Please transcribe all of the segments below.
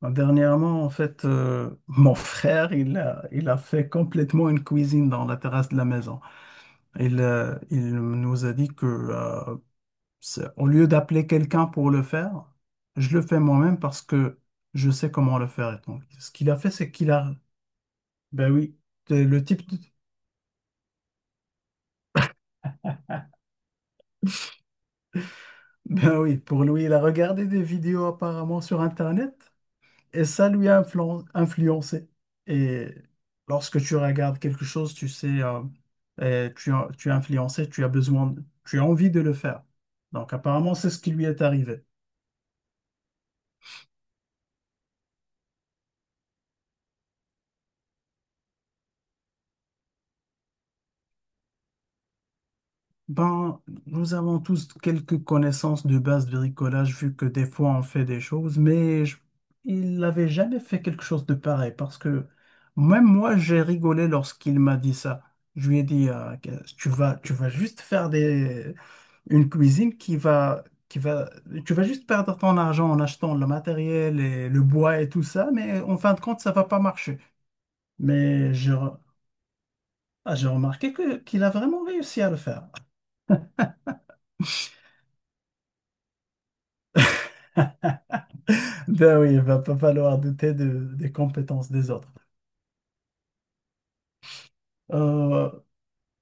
Dernièrement, en fait, mon frère, il a fait complètement une cuisine dans la terrasse de la maison. Il nous a dit que, au lieu d'appeler quelqu'un pour le faire, je le fais moi-même parce que je sais comment le faire. Et donc, ce qu'il a fait, c'est ben oui, le type, ben oui, pour lui, il a regardé des vidéos apparemment sur Internet. Et ça lui a influencé. Et lorsque tu regardes quelque chose, tu sais, et tu es influencé, tu as besoin, tu as envie de le faire. Donc apparemment, c'est ce qui lui est arrivé. Ben, nous avons tous quelques connaissances de base de bricolage, vu que des fois on fait des choses, mais il n'avait jamais fait quelque chose de pareil, parce que même moi, j'ai rigolé lorsqu'il m'a dit ça. Je lui ai dit, que tu vas juste faire des, une cuisine qui va, tu vas juste perdre ton argent en achetant le matériel et le bois et tout ça, mais en fin de compte, ça va pas marcher. Mais ah, j'ai remarqué qu'il a vraiment réussi à le faire. Ben oui, il va pas falloir douter des compétences des autres. Euh,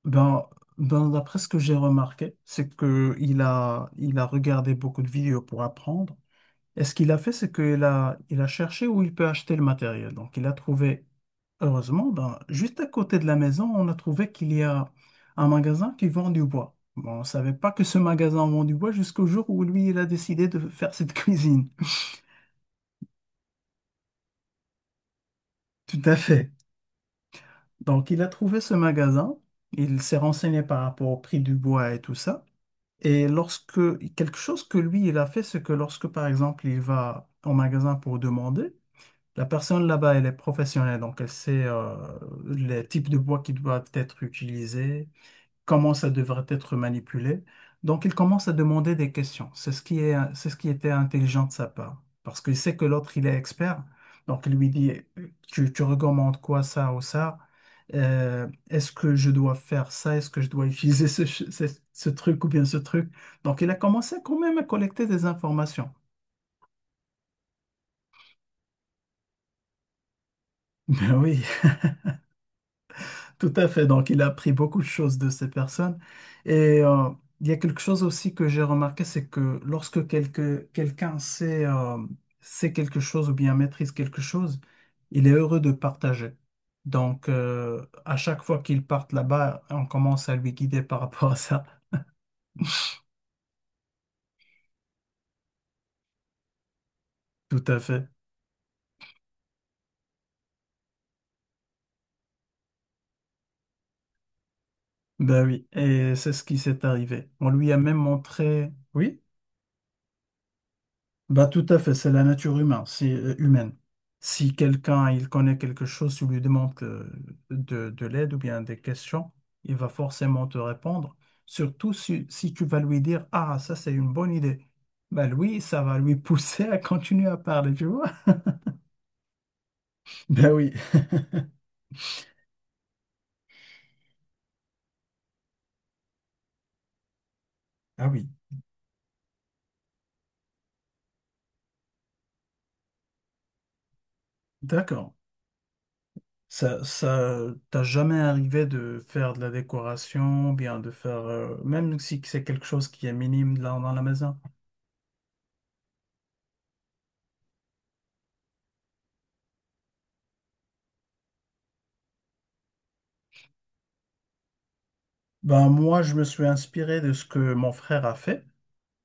ben, ben, d'après ce que j'ai remarqué, c'est que il a regardé beaucoup de vidéos pour apprendre. Et ce qu'il a fait, c'est il a cherché où il peut acheter le matériel. Donc, il a trouvé, heureusement, ben, juste à côté de la maison, on a trouvé qu'il y a un magasin qui vend du bois. Bon, on ne savait pas que ce magasin vend du bois jusqu'au jour où lui, il a décidé de faire cette cuisine. Tout à fait. Donc, il a trouvé ce magasin, il s'est renseigné par rapport au prix du bois et tout ça. Et lorsque quelque chose que lui, il a fait, c'est que lorsque, par exemple, il va au magasin pour demander, la personne là-bas, elle est professionnelle, donc elle sait les types de bois qui doivent être utilisés, comment ça devrait être manipulé. Donc, il commence à demander des questions. C'est ce qui était intelligent de sa part, parce qu'il sait que l'autre, il est expert. Donc, il lui dit, tu recommandes quoi, ça ou ça? Est-ce que je dois faire ça? Est-ce que je dois utiliser ce truc ou bien ce truc? Donc, il a commencé quand même à collecter des informations. Ben oui, tout à fait. Donc, il a appris beaucoup de choses de ces personnes. Et euh, il y a quelque chose aussi que j'ai remarqué, c'est que lorsque quelqu'un sait, sait quelque chose ou bien maîtrise quelque chose, il est heureux de partager. Donc, à chaque fois qu'il part là-bas, on commence à lui guider par rapport à ça. Tout à fait. Ben oui. Et c'est ce qui s'est arrivé. On lui a même montré. Oui? Bah, tout à fait, c'est la nature humaine. Si, humaine. Si quelqu'un il connaît quelque chose, tu lui demandes de l'aide ou bien des questions, il va forcément te répondre. Surtout si, si tu vas lui dire, ah, ça c'est une bonne idée. Bah lui, ça va lui pousser à continuer à parler, tu vois. Ben oui. Ah oui. D'accord. Ça t'as jamais arrivé de faire de la décoration, bien de faire, même si c'est quelque chose qui est minime là dans la maison. Ben, moi, je me suis inspiré de ce que mon frère a fait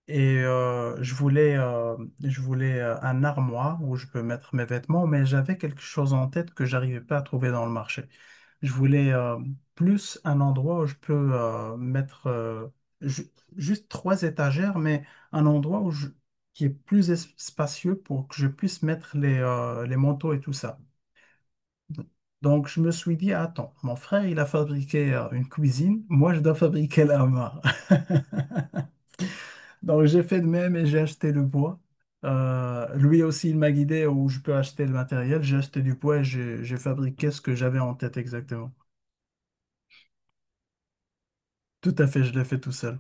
et je voulais un armoire où je peux mettre mes vêtements, mais j'avais quelque chose en tête que j'arrivais pas à trouver dans le marché. Je voulais plus un endroit où je peux mettre juste 3 étagères, mais un endroit qui est plus spacieux pour que je puisse mettre les manteaux et tout ça. Donc, je me suis dit, attends, mon frère, il a fabriqué une cuisine, moi, je dois fabriquer l'armoire. Donc, j'ai fait de même et j'ai acheté le bois. Lui aussi, il m'a guidé où je peux acheter le matériel. J'ai acheté du bois et j'ai fabriqué ce que j'avais en tête exactement. Tout à fait, je l'ai fait tout seul.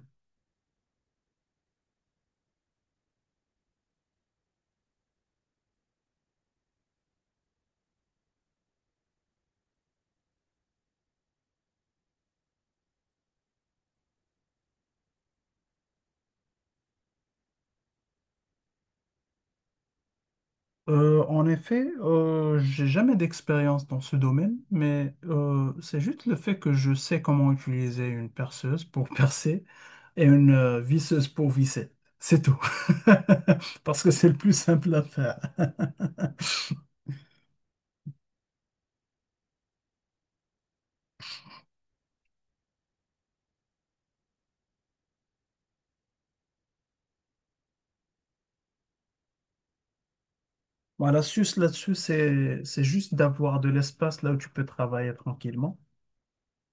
En effet, j'ai jamais d'expérience dans ce domaine, mais c'est juste le fait que je sais comment utiliser une perceuse pour percer et une visseuse pour visser. C'est tout. Parce que c'est le plus simple à faire. Bon, l'astuce là-dessus, c'est juste d'avoir de l'espace là où tu peux travailler tranquillement.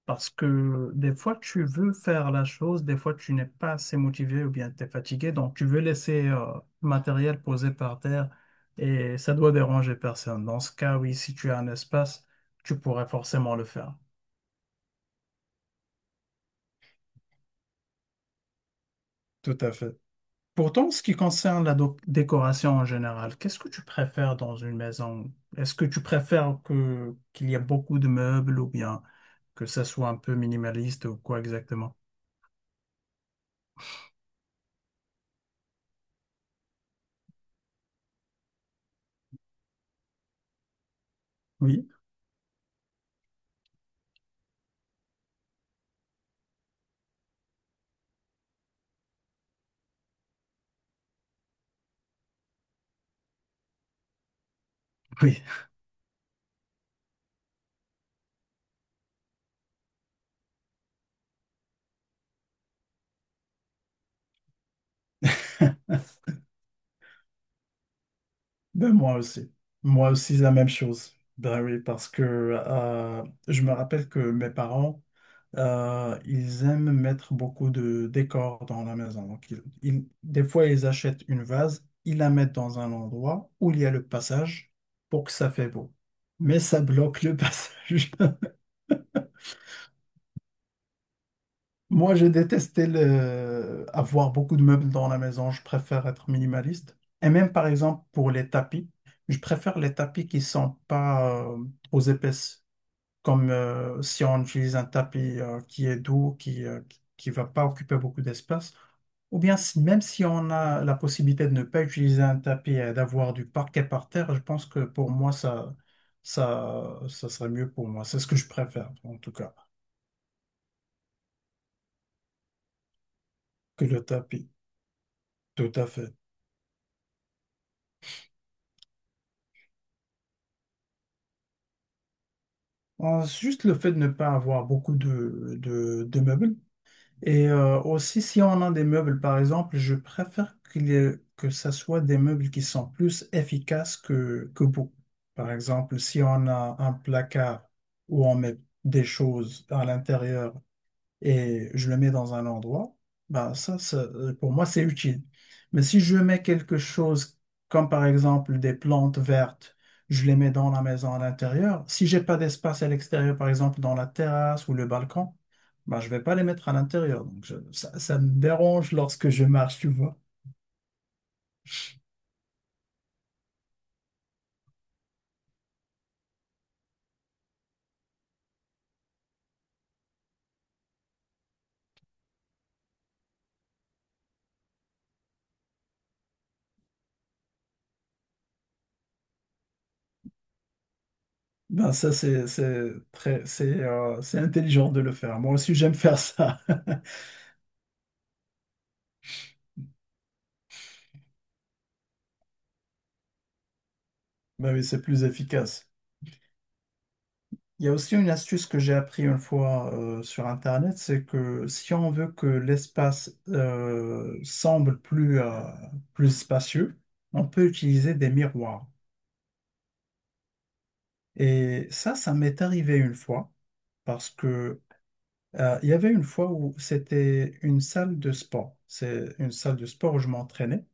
Parce que des fois, tu veux faire la chose, des fois, tu n'es pas assez motivé ou bien tu es fatigué, donc tu veux laisser le matériel posé par terre et ça doit déranger personne. Dans ce cas, oui, si tu as un espace, tu pourrais forcément le faire. Tout à fait. Pourtant, en ce qui concerne la décoration en général, qu'est-ce que tu préfères dans une maison? Est-ce que tu préfères que qu'il y ait beaucoup de meubles ou bien que ça soit un peu minimaliste ou quoi exactement? Oui, oui. Ben moi aussi. Moi aussi, la même chose. Ben oui, parce que je me rappelle que mes parents, ils aiment mettre beaucoup de décors dans la maison. Donc, des fois, ils achètent une vase, ils la mettent dans un endroit où il y a le passage pour que ça fait beau. Mais ça bloque le passage. Moi, j'ai détesté le... avoir beaucoup de meubles dans la maison. Je préfère être minimaliste. Et même, par exemple, pour les tapis, je préfère les tapis qui sont pas trop épaisses. Comme si on utilise un tapis qui est doux, qui va pas occuper beaucoup d'espace. Ou bien, même si on a la possibilité de ne pas utiliser un tapis et d'avoir du parquet par terre, je pense que pour moi, ça serait mieux pour moi. C'est ce que je préfère, en tout cas, que le tapis. Tout à fait. Juste le fait de ne pas avoir beaucoup de meubles. Aussi, si on a des meubles, par exemple, je préfère que ça soit des meubles qui sont plus efficaces que beaux. Par exemple, si on a un placard où on met des choses à l'intérieur, et je le mets dans un endroit, ben pour moi, c'est utile. Mais si je mets quelque chose comme par exemple des plantes vertes, je les mets dans la maison à l'intérieur. Si j'ai pas d'espace à l'extérieur, par exemple dans la terrasse ou le balcon, ben je vais pas les mettre à l'intérieur. Ça, ça me dérange lorsque je marche, tu vois. Ben ça, c'est intelligent de le faire. Moi aussi, j'aime faire ça. Ben oui, c'est plus efficace. Il y a aussi une astuce que j'ai appris une fois sur Internet, c'est que si on veut que l'espace semble plus spacieux, on peut utiliser des miroirs. Et ça m'est arrivé une fois parce que il y avait une fois où c'était une salle de sport. C'est une salle de sport où je m'entraînais.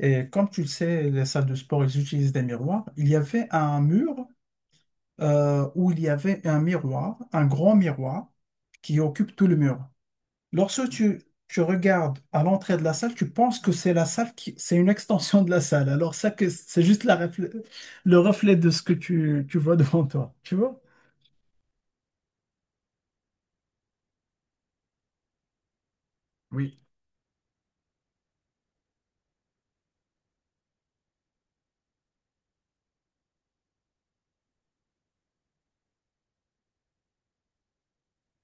Et comme tu le sais, les salles de sport, ils utilisent des miroirs. Il y avait un mur où il y avait un miroir, un grand miroir qui occupe tout le mur. Lorsque tu, tu regardes à l'entrée de la salle, tu penses que c'est la salle qui, c'est une extension de la salle. Alors ça que c'est juste la le reflet de ce que tu vois devant toi. Tu vois? Oui.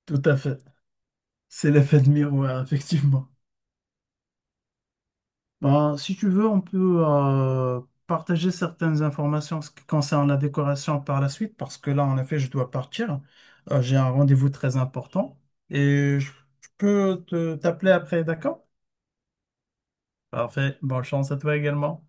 Tout à fait. C'est l'effet de miroir, effectivement. Ben, si tu veux, on peut partager certaines informations en ce qui concerne la décoration par la suite, parce que là, en effet, je dois partir. J'ai un rendez-vous très important et je peux te t'appeler après, d'accord? Parfait. Bonne chance à toi également.